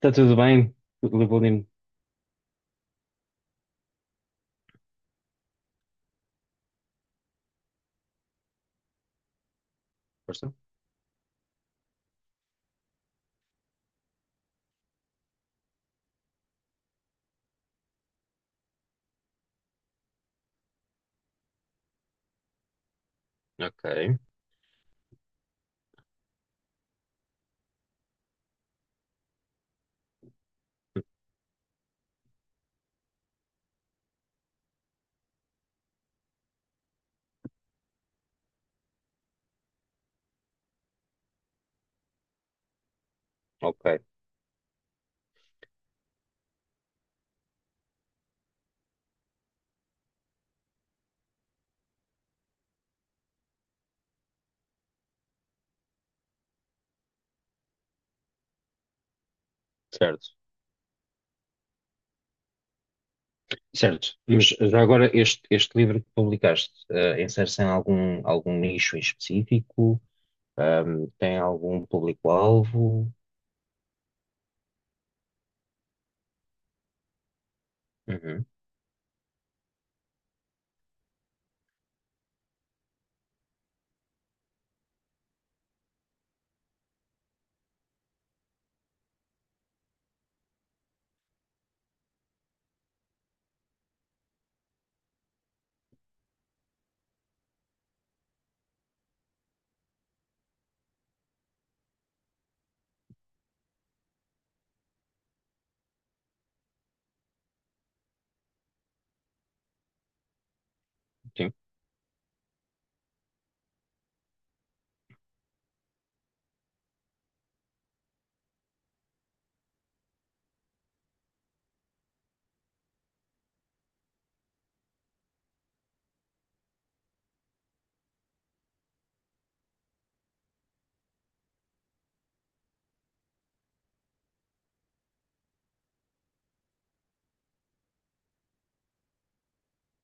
Está tudo bem? Leopoldino? Força? Ok, ok, certo. Certo, mas já agora este livro que publicaste, insere-se em algum nicho em específico? Tem algum público-alvo? Uhum, sim,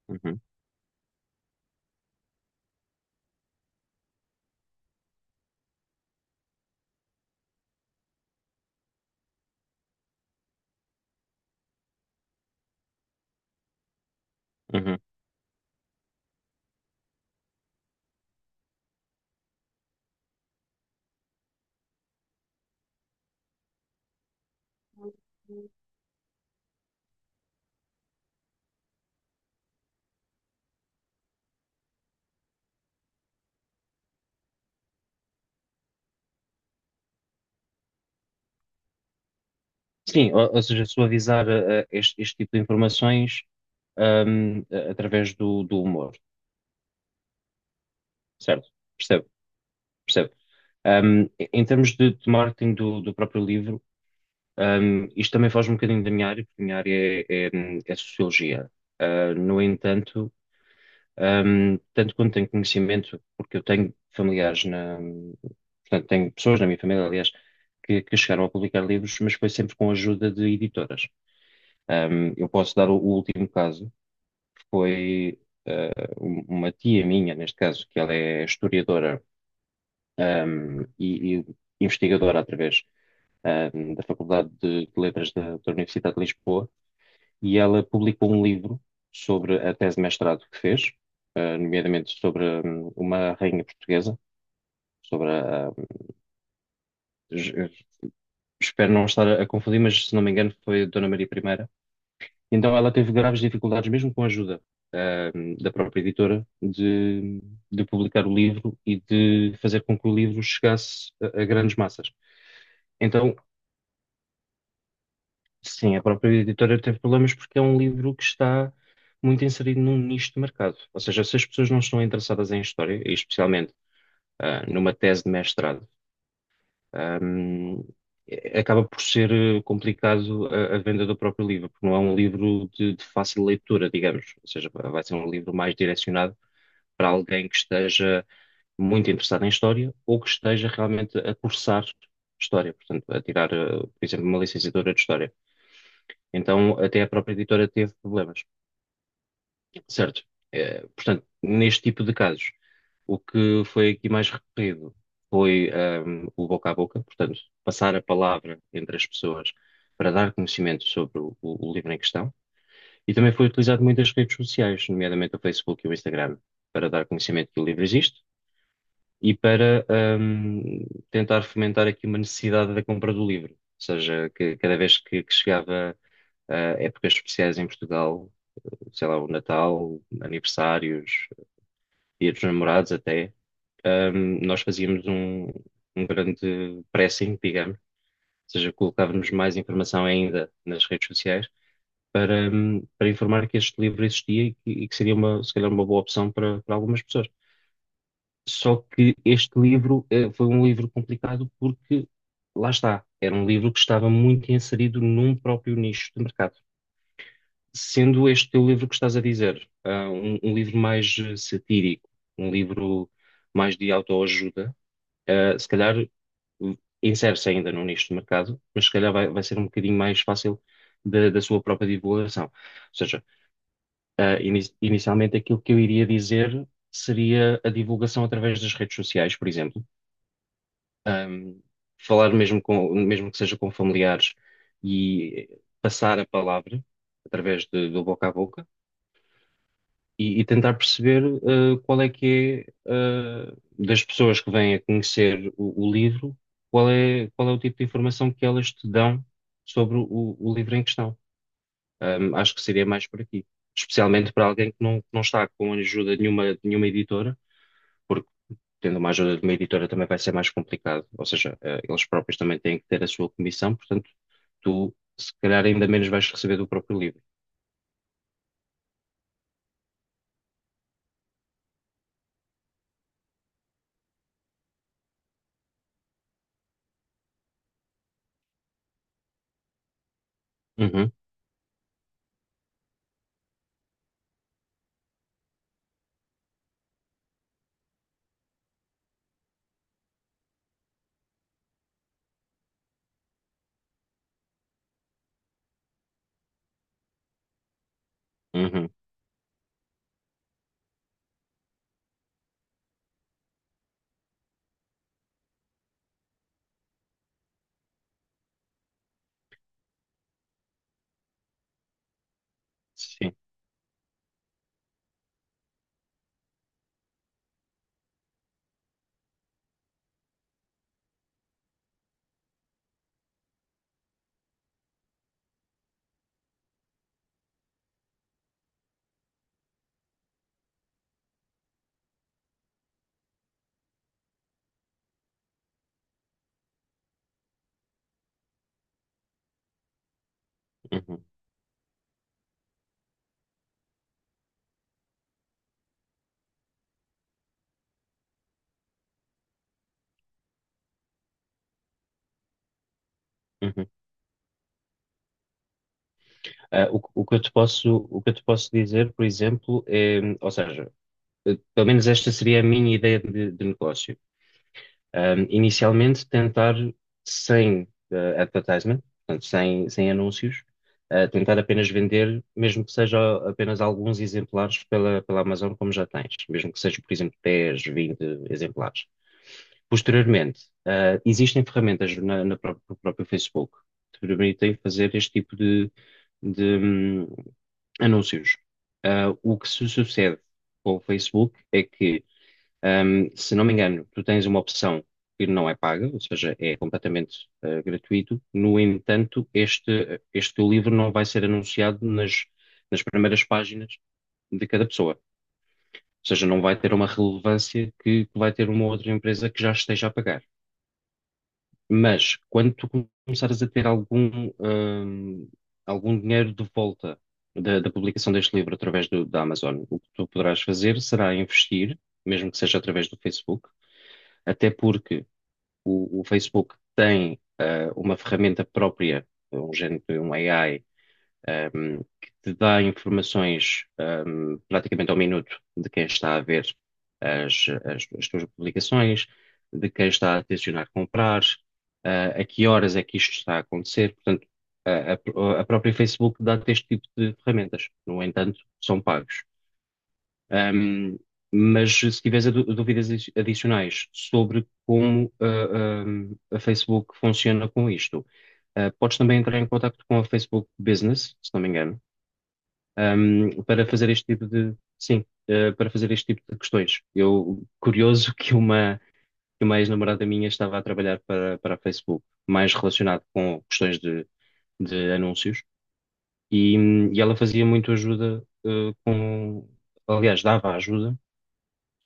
uhum, uhum. Sim, ou seja, suavizar este tipo de informações, através do humor, certo? Percebo, percebo. Em termos de marketing do próprio livro, isto também foge um bocadinho da minha área, porque a minha área é sociologia. No entanto, tanto quanto tenho conhecimento, porque eu tenho familiares portanto, tenho pessoas na minha família, aliás, que chegaram a publicar livros, mas foi sempre com a ajuda de editoras. Eu posso dar o último caso, que foi uma tia minha, neste caso, que ela é historiadora, e investigadora através, da Faculdade de Letras da Universidade de Lisboa, e ela publicou um livro sobre a tese de mestrado que fez, nomeadamente sobre uma rainha portuguesa, sobre es- espero não estar a confundir, mas se não me engano foi a Dona Maria I. Então ela teve graves dificuldades, mesmo com a ajuda, da própria editora, de publicar o livro e de fazer com que o livro chegasse a grandes massas. Então. Sim, a própria editora teve problemas porque é um livro que está muito inserido num nicho de mercado. Ou seja, se as pessoas não estão interessadas em história, e especialmente numa tese de mestrado, ahm, acaba por ser, complicado, a venda do próprio livro, porque não é um livro de fácil leitura, digamos. Ou seja, vai ser um livro mais direcionado para alguém que esteja muito interessado em história ou que esteja realmente a cursar história, portanto, a tirar, por exemplo, uma licenciatura de história. Então, até a própria editora teve problemas, certo? Portanto, neste tipo de casos, o que foi aqui mais recorrido foi, o boca a boca, portanto, passar a palavra entre as pessoas para dar conhecimento sobre o livro em questão. E também foi utilizado muitas redes sociais, nomeadamente o Facebook e o Instagram, para dar conhecimento que o livro existe e para, tentar fomentar aqui uma necessidade da compra do livro. Ou seja, que cada vez que chegava a épocas especiais em Portugal, sei lá, o Natal, aniversários, Dia dos Namorados até, nós fazíamos um grande pressing, digamos, ou seja, colocávamos mais informação ainda nas redes sociais para, para informar que este livro existia e que seria uma, se calhar uma boa opção para, algumas pessoas. Só que este livro, foi um livro complicado porque, lá está, era um livro que estava muito inserido num próprio nicho de mercado. Sendo este teu livro que estás a dizer, um livro mais, satírico, um livro mais de autoajuda, se calhar, insere-se ainda no nicho de mercado, mas se calhar vai ser um bocadinho mais fácil da sua própria divulgação. Ou seja, inicialmente aquilo que eu iria dizer seria a divulgação através das redes sociais, por exemplo. Ahm, Falar mesmo com, mesmo que seja com familiares, e passar a palavra através do boca a boca. E e tentar perceber, qual é que é, das pessoas que vêm a conhecer o livro, qual é o tipo de informação que elas te dão sobre o livro em questão. Acho que seria mais por aqui. Especialmente para alguém que não está com ajuda de nenhuma editora, porque tendo uma ajuda de uma editora também vai ser mais complicado. Ou seja, eles próprios também têm que ter a sua comissão, portanto, tu se calhar ainda menos vais receber do próprio livro. Uhum, uhum, sim, uhum, uhum. O que eu te posso dizer, por exemplo, é, ou seja, pelo menos esta seria a minha ideia de negócio. Inicialmente tentar sem, advertisement, portanto, sem anúncios, tentar apenas vender, mesmo que seja apenas alguns exemplares pela Amazon, como já tens, mesmo que seja, por exemplo, 10, 20 exemplares. Posteriormente, existem ferramentas no próprio Facebook que te permitem fazer este tipo de, hum, anúncios. O que se sucede com o Facebook é que, se não me engano, tu tens uma opção que não é paga, ou seja, é completamente, gratuito. No entanto, este teu livro não vai ser anunciado nas primeiras páginas de cada pessoa. Ou seja, não vai ter uma relevância que vai ter uma outra empresa que já esteja a pagar. Mas quando tu começares a ter algum dinheiro de volta da publicação deste livro através da Amazon, o que tu poderás fazer será investir, mesmo que seja através do Facebook. Até porque o Facebook tem, uma ferramenta própria, um género de um AI, que te dá informações praticamente ao minuto de quem está a ver as tuas publicações, de quem está a tencionar comprar, a que horas é que isto está a acontecer. Portanto, a própria Facebook dá-te este tipo de ferramentas. No entanto, são pagos. Um, mas se tiveres a dúvidas adicionais sobre como, a Facebook funciona com isto, podes também entrar em contato com a Facebook Business, se não me engano, para fazer este sim, para fazer este tipo de questões. Curioso que uma ex-namorada minha estava a trabalhar para a Facebook, mais relacionado com questões de anúncios, e ela fazia muito ajuda, aliás, dava ajuda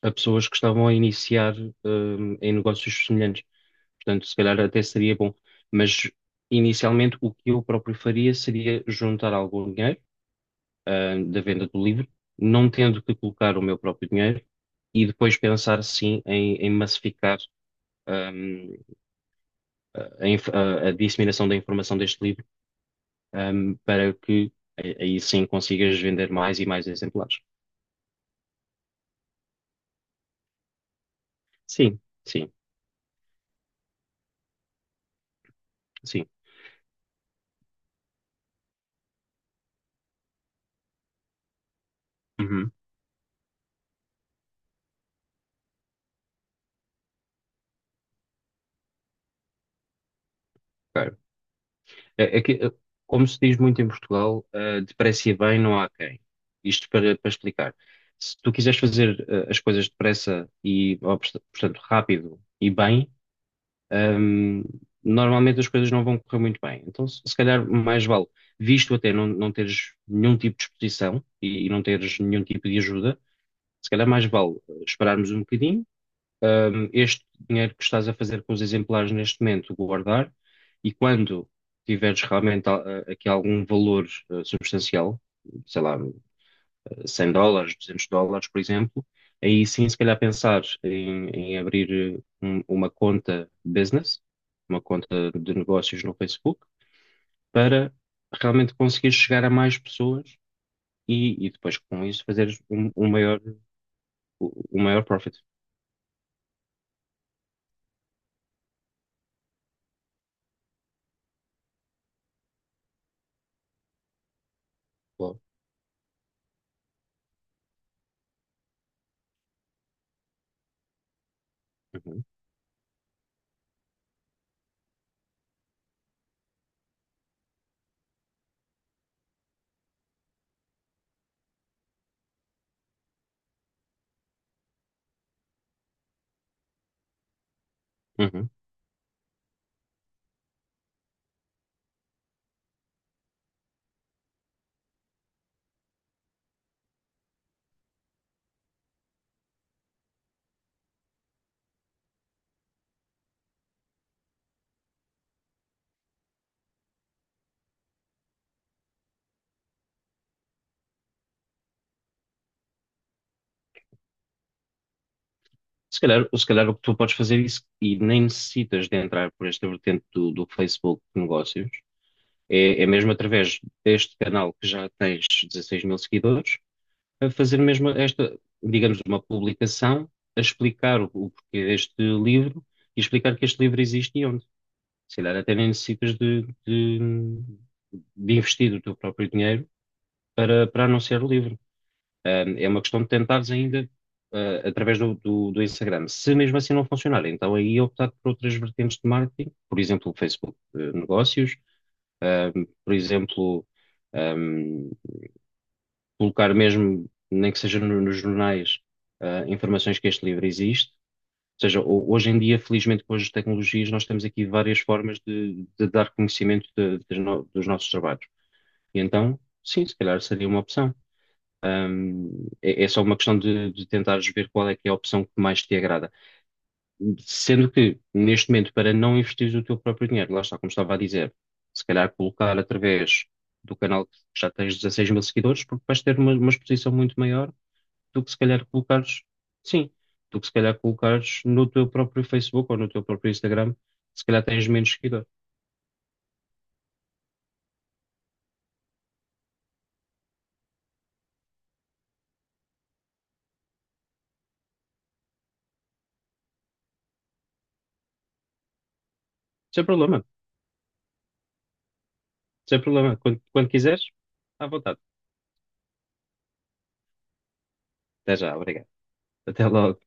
a pessoas que estavam a iniciar, em negócios semelhantes. Portanto, se calhar até seria bom. Mas inicialmente o que eu próprio faria seria juntar algum dinheiro, da venda do livro, não tendo que colocar o meu próprio dinheiro, e depois pensar sim em massificar. hum, a disseminação da informação deste livro, para que aí sim consigas vender mais e mais exemplares. Sim, sim, sim. Uhum. É, é que, como se diz muito em Portugal, depressa e bem não há quem. Isto para explicar. Se tu quiseres fazer, as coisas depressa, portanto, rápido e bem, ehm, normalmente as coisas não vão correr muito bem. Então, se calhar, mais vale, visto até não teres nenhum tipo de exposição, e não teres nenhum tipo de ajuda, se calhar mais vale, esperarmos um bocadinho, este dinheiro que estás a fazer com os exemplares neste momento, guardar, e quando tiveres realmente, aqui algum valor, substancial, sei lá, 100 dólares, 200 dólares, por exemplo, aí sim, se calhar pensar em abrir, uma conta business, uma conta de negócios no Facebook, para realmente conseguir chegar a mais pessoas, e depois com isso fazeres um maior, um maior, profit. Claro. Uhum. Uhum. Se calhar o que tu podes fazer isso e nem necessitas de entrar por esta vertente do Facebook de negócios, é mesmo através deste canal que já tens 16 mil seguidores, a fazer mesmo esta, digamos, uma publicação a explicar o porquê deste livro, e explicar que este livro existe, e onde. Se calhar até nem necessitas de investir o teu próprio dinheiro para anunciar o livro. É uma questão de tentares ainda, através do Instagram. Se mesmo assim não funcionar, então aí optar por outras vertentes de marketing, por exemplo, Facebook, negócios, por exemplo, um, colocar mesmo, nem que seja nos jornais, informações que este livro existe. Ou seja, hoje em dia, felizmente, com as tecnologias, nós temos aqui várias formas de dar conhecimento de- das no- dos nossos trabalhos. E então, sim, se calhar seria uma opção. É, é só uma questão de tentares ver qual é que é a opção que mais te agrada. Sendo que, neste momento, para não investires o teu próprio dinheiro, lá está, como estava a dizer, se calhar colocar através do canal que já tens 16 mil seguidores, porque vais ter uma exposição muito maior do que se calhar colocares, sim, do que se calhar colocares no teu próprio Facebook ou no teu próprio Instagram, se calhar tens menos seguidores. Sem problema, sem problema. Quando quiseres, à vontade. Até já, obrigado. Até logo.